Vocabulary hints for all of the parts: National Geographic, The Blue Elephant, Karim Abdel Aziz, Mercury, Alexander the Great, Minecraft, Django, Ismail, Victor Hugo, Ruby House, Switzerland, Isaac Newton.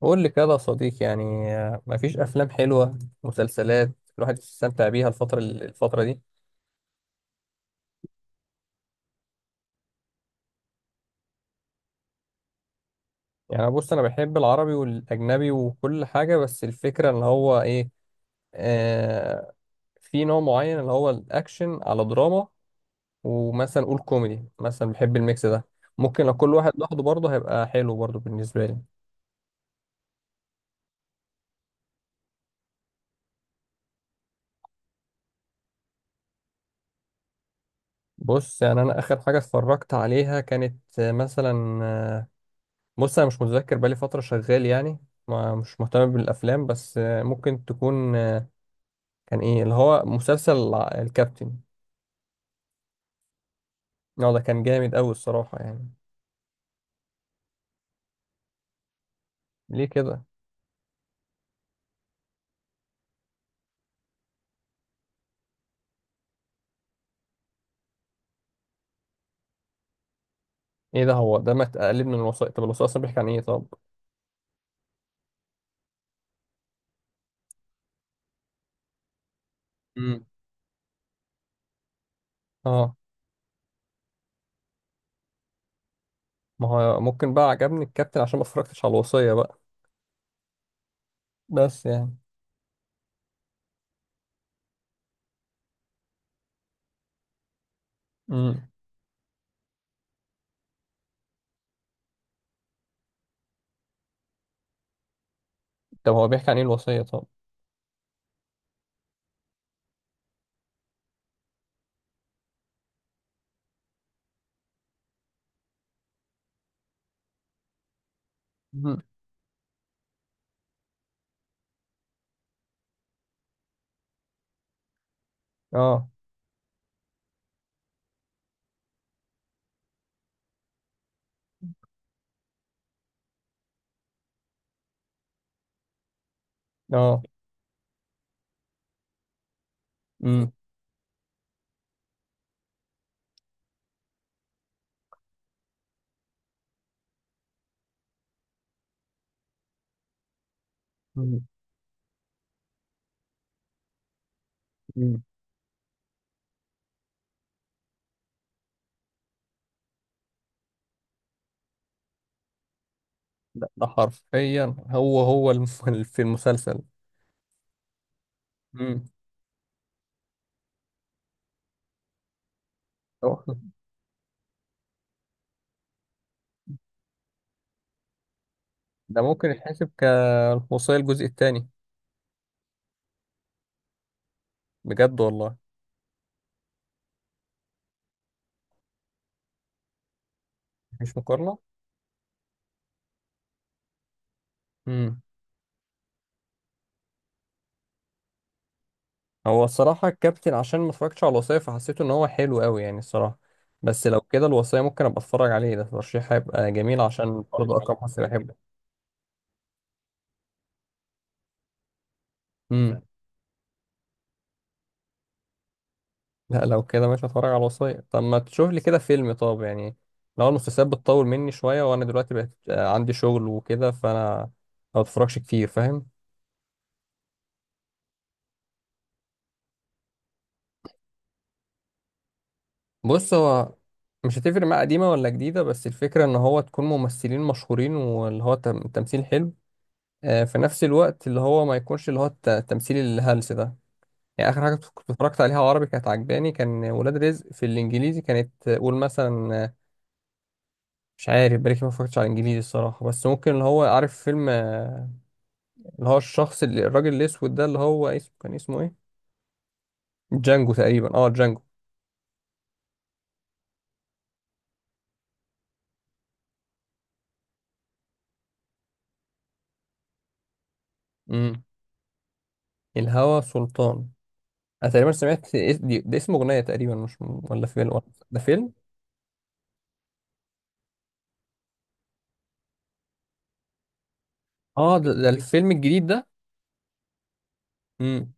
قول لي كده يا صديقي، يعني مفيش افلام حلوه، مسلسلات الواحد يستمتع بيها الفتره دي. يعني بص، انا بحب العربي والاجنبي وكل حاجه، بس الفكره ان هو ايه. آه في نوع معين اللي هو الاكشن على دراما، ومثلا قول كوميدي، مثلا بحب الميكس ده. ممكن لو كل واحد لوحده برضه هيبقى حلو برضه بالنسبه لي. بص، يعني انا اخر حاجه اتفرجت عليها كانت مثلا. بص، انا مش متذكر، بقالي فتره شغال يعني، ما مش مهتم بالافلام، بس ممكن تكون كان ايه اللي هو مسلسل الكابتن. اه، ده كان جامد قوي الصراحه يعني. ليه كده؟ ايه ده؟ هو ده ما اقلب من الوثائق؟ طب الوثائق اصلا بيحكي عن ايه طب؟ مم. اه، ما هو ممكن بقى عجبني الكابتن عشان ما اتفرجتش على الوصيه بقى. بس يعني. امم. طب هو بيحكي عن ايه الوصيه طب؟ مم. اه. اه. امم. امم. امم. ده حرفيا هو في المسلسل. امم. ده ممكن يتحسب كالمصرية الجزء الثاني. بجد والله؟ مش مقارنة. امم. هو الصراحة الكابتن عشان ما اتفرجتش على الوصية فحسيته ان هو حلو قوي يعني الصراحة. بس لو كده الوصية ممكن ابقى اتفرج عليه، ده ترشيح هيبقى جميل عشان برضه اكرم حسني بحبه. امم. لا، لو كده مش هتفرج على الوصية. طب ما تشوف لي كده فيلم طب يعني. لو المسلسلات بتطول مني شوية، وانا دلوقتي بقت عندي شغل وكده، فانا ما بتفرجش كتير، فاهم؟ بص، هو مش هتفرق مع قديمة ولا جديدة، بس الفكرة ان هو تكون ممثلين مشهورين، واللي هو تمثيل حلو في نفس الوقت اللي هو ما يكونش اللي هو التمثيل الهلس ده. يعني اخر حاجة كنت اتفرجت عليها عربي كانت عجباني كان ولاد رزق، في الانجليزي كانت قول مثلا مش عارف بالك ما اتفرجتش على الانجليزي الصراحة، بس ممكن اللي هو عارف فيلم اللي هو الشخص اللي الراجل الاسود ده، اللي هو اسمه كان اسمه ايه؟ جانجو تقريبا. اه، جانجو. امم. الهوى سلطان. انا تقريبا سمعت ده اسمه اغنيه تقريبا، مش ولا فيلم ولا. ده فيلم؟ اه، ده الفيلم الجديد ده. امم.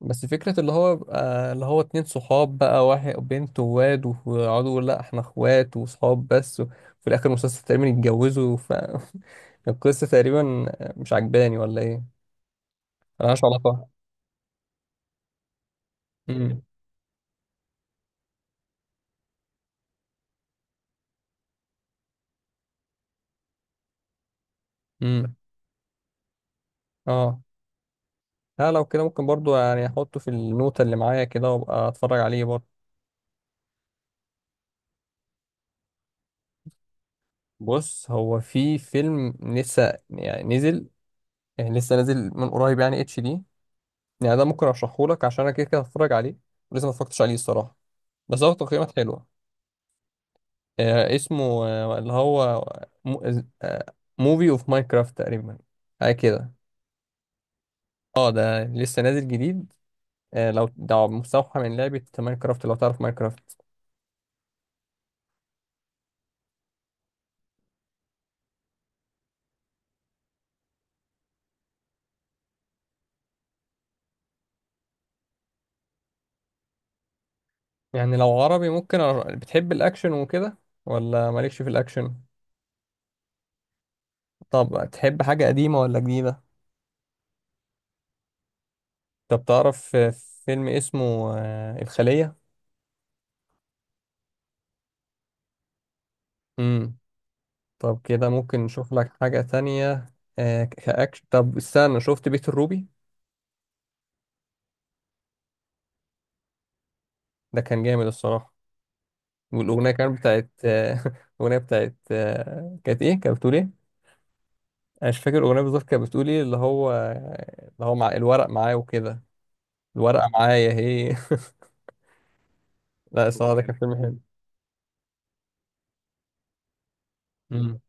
بس فكره اللي هو بقى اللي هو اتنين صحاب، بقى واحد بنت وواد، ويقعدوا يقولوا لا احنا اخوات وصحاب بس، وفي الاخر المسلسل تقريبا يتجوزوا، ف القصه تقريبا، مش عجباني ولا ايه؟ ملهاش علاقه. امم. امم. اه. لا، لو كده ممكن برضو يعني احطه في النوتة اللي معايا كده وابقى اتفرج عليه برضو. بص، هو في فيلم لسه يعني نزل، يعني لسه نازل من قريب، يعني HD. يعني ده ممكن ارشحه لك عشان انا كده كده هتفرج عليه، ولسه ما اتفرجتش عليه الصراحه، بس هو تقييمات حلوه. اسمه اللي هو موفي اوف ماينكرافت تقريبا، حاجه كده. اه، ده لسه نازل جديد. لو ده مستوحى من لعبه ماينكرافت، لو تعرف ماينكرافت. يعني لو عربي ممكن بتحب الاكشن وكده ولا مالكش في الاكشن؟ طب تحب حاجه قديمه ولا جديده؟ طب تعرف فيلم اسمه الخليه؟ مم. طب كده ممكن نشوف لك حاجة تانية. كأكشن، طب استنى، شفت بيت الروبي؟ ده كان جامد الصراحة. والأغنية كانت بتاعت الأغنية بتاعت كانت إيه؟ كانت بتقول إيه؟ أنا مش فاكر الأغنية بالظبط كانت بتقول إيه، اللي هو مع الورق معايا وكده، الورقة معايا هي. لا، الصراحة ده كان فيلم حلو. مم.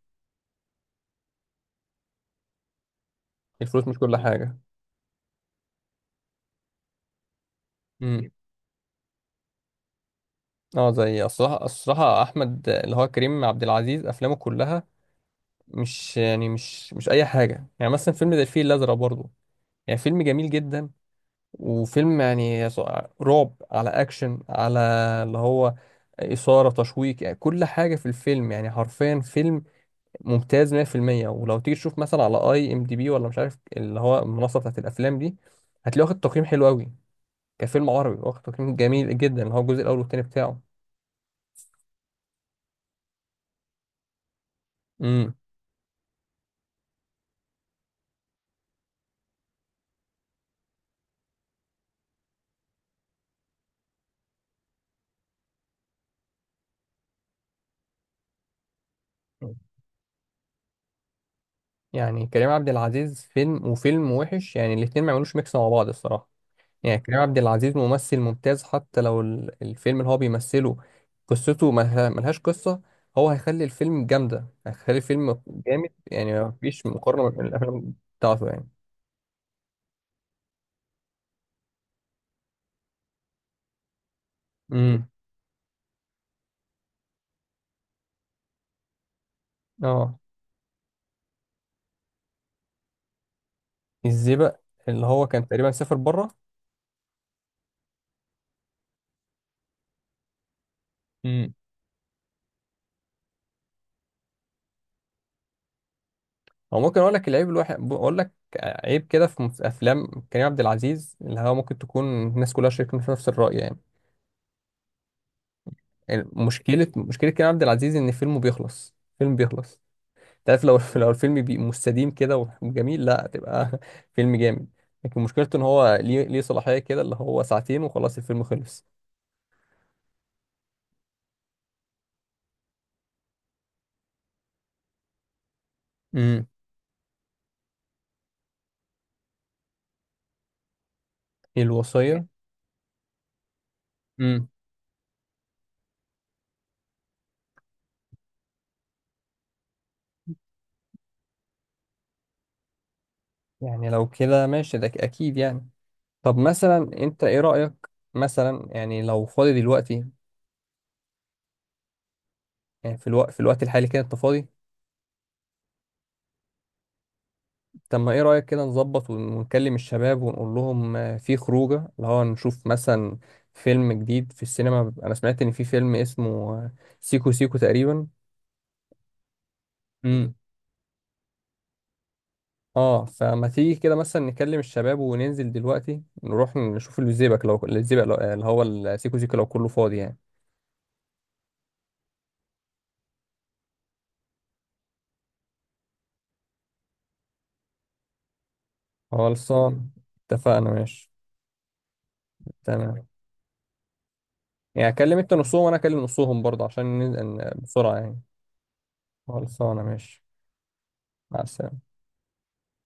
الفلوس مش كل حاجة. مم. اه، زي الصراحة أحمد اللي هو كريم عبد العزيز أفلامه كلها مش يعني مش أي حاجة. يعني مثلا فيلم زي الفيل الأزرق برضه يعني فيلم جميل جدا، وفيلم يعني رعب على اكشن على اللي هو اثاره تشويق، يعني كل حاجه في الفيلم، يعني حرفيا فيلم ممتاز 100%. ولو تيجي تشوف مثلا على IMDB ولا مش عارف اللي هو المنصه بتاعت الافلام دي، هتلاقيه واخد تقييم حلو قوي كفيلم عربي، واخد تقييم جميل جدا اللي هو الجزء الاول والثاني بتاعه. امم. يعني كريم عبد العزيز فيلم وفيلم وحش، يعني الاتنين ما يعملوش ميكس مع بعض الصراحه. يعني كريم عبد العزيز ممثل ممتاز، حتى لو الفيلم اللي هو بيمثله قصته ملهاش قصة، هو هيخلي الفيلم جامدة، هيخلي الفيلم جامد، يعني مفيش مقارنة بين الأفلام بتاعته يعني. امم. اه، الزئبق، اللي هو كان تقريبا سافر بره. امم. هو ممكن أقول لك العيب الواحد، أقول لك عيب كده في أفلام كريم عبد العزيز اللي هو ممكن تكون الناس كلها شايفين في نفس الرأي يعني. يعني مشكلة كريم عبد العزيز إن فيلمه بيخلص، فيلم بيخلص. تعرف لو لو الفيلم بي مستديم كده وجميل لا، تبقى فيلم جامد. لكن مشكلته ان هو ليه صلاحية كده، اللي هو ساعتين وخلاص الفيلم خلص. امم. الوصية. امم. يعني لو كده ماشي، ده اكيد يعني. طب مثلا انت ايه رأيك؟ مثلا يعني لو فاضي دلوقتي، يعني في الوقت الحالي كده انت فاضي؟ طب ما ايه رأيك كده نظبط ونكلم الشباب ونقول لهم في خروجه، اللي هو نشوف مثلا فيلم جديد في السينما. انا سمعت ان في فيلم اسمه سيكو سيكو تقريبا. امم. اه، فما تيجي كده مثلا نكلم الشباب وننزل دلوقتي نروح نشوف الزيبق، لو الزيبق لو اللي هو السيكو سيكو، لو كله فاضي يعني. خلصان. اتفقنا ماشي. تمام. يعني اكلم انت نصهم وانا اكلم نصهم برضه عشان ننزل بسرعة يعني. خلصانة ماشي. مع السلامة.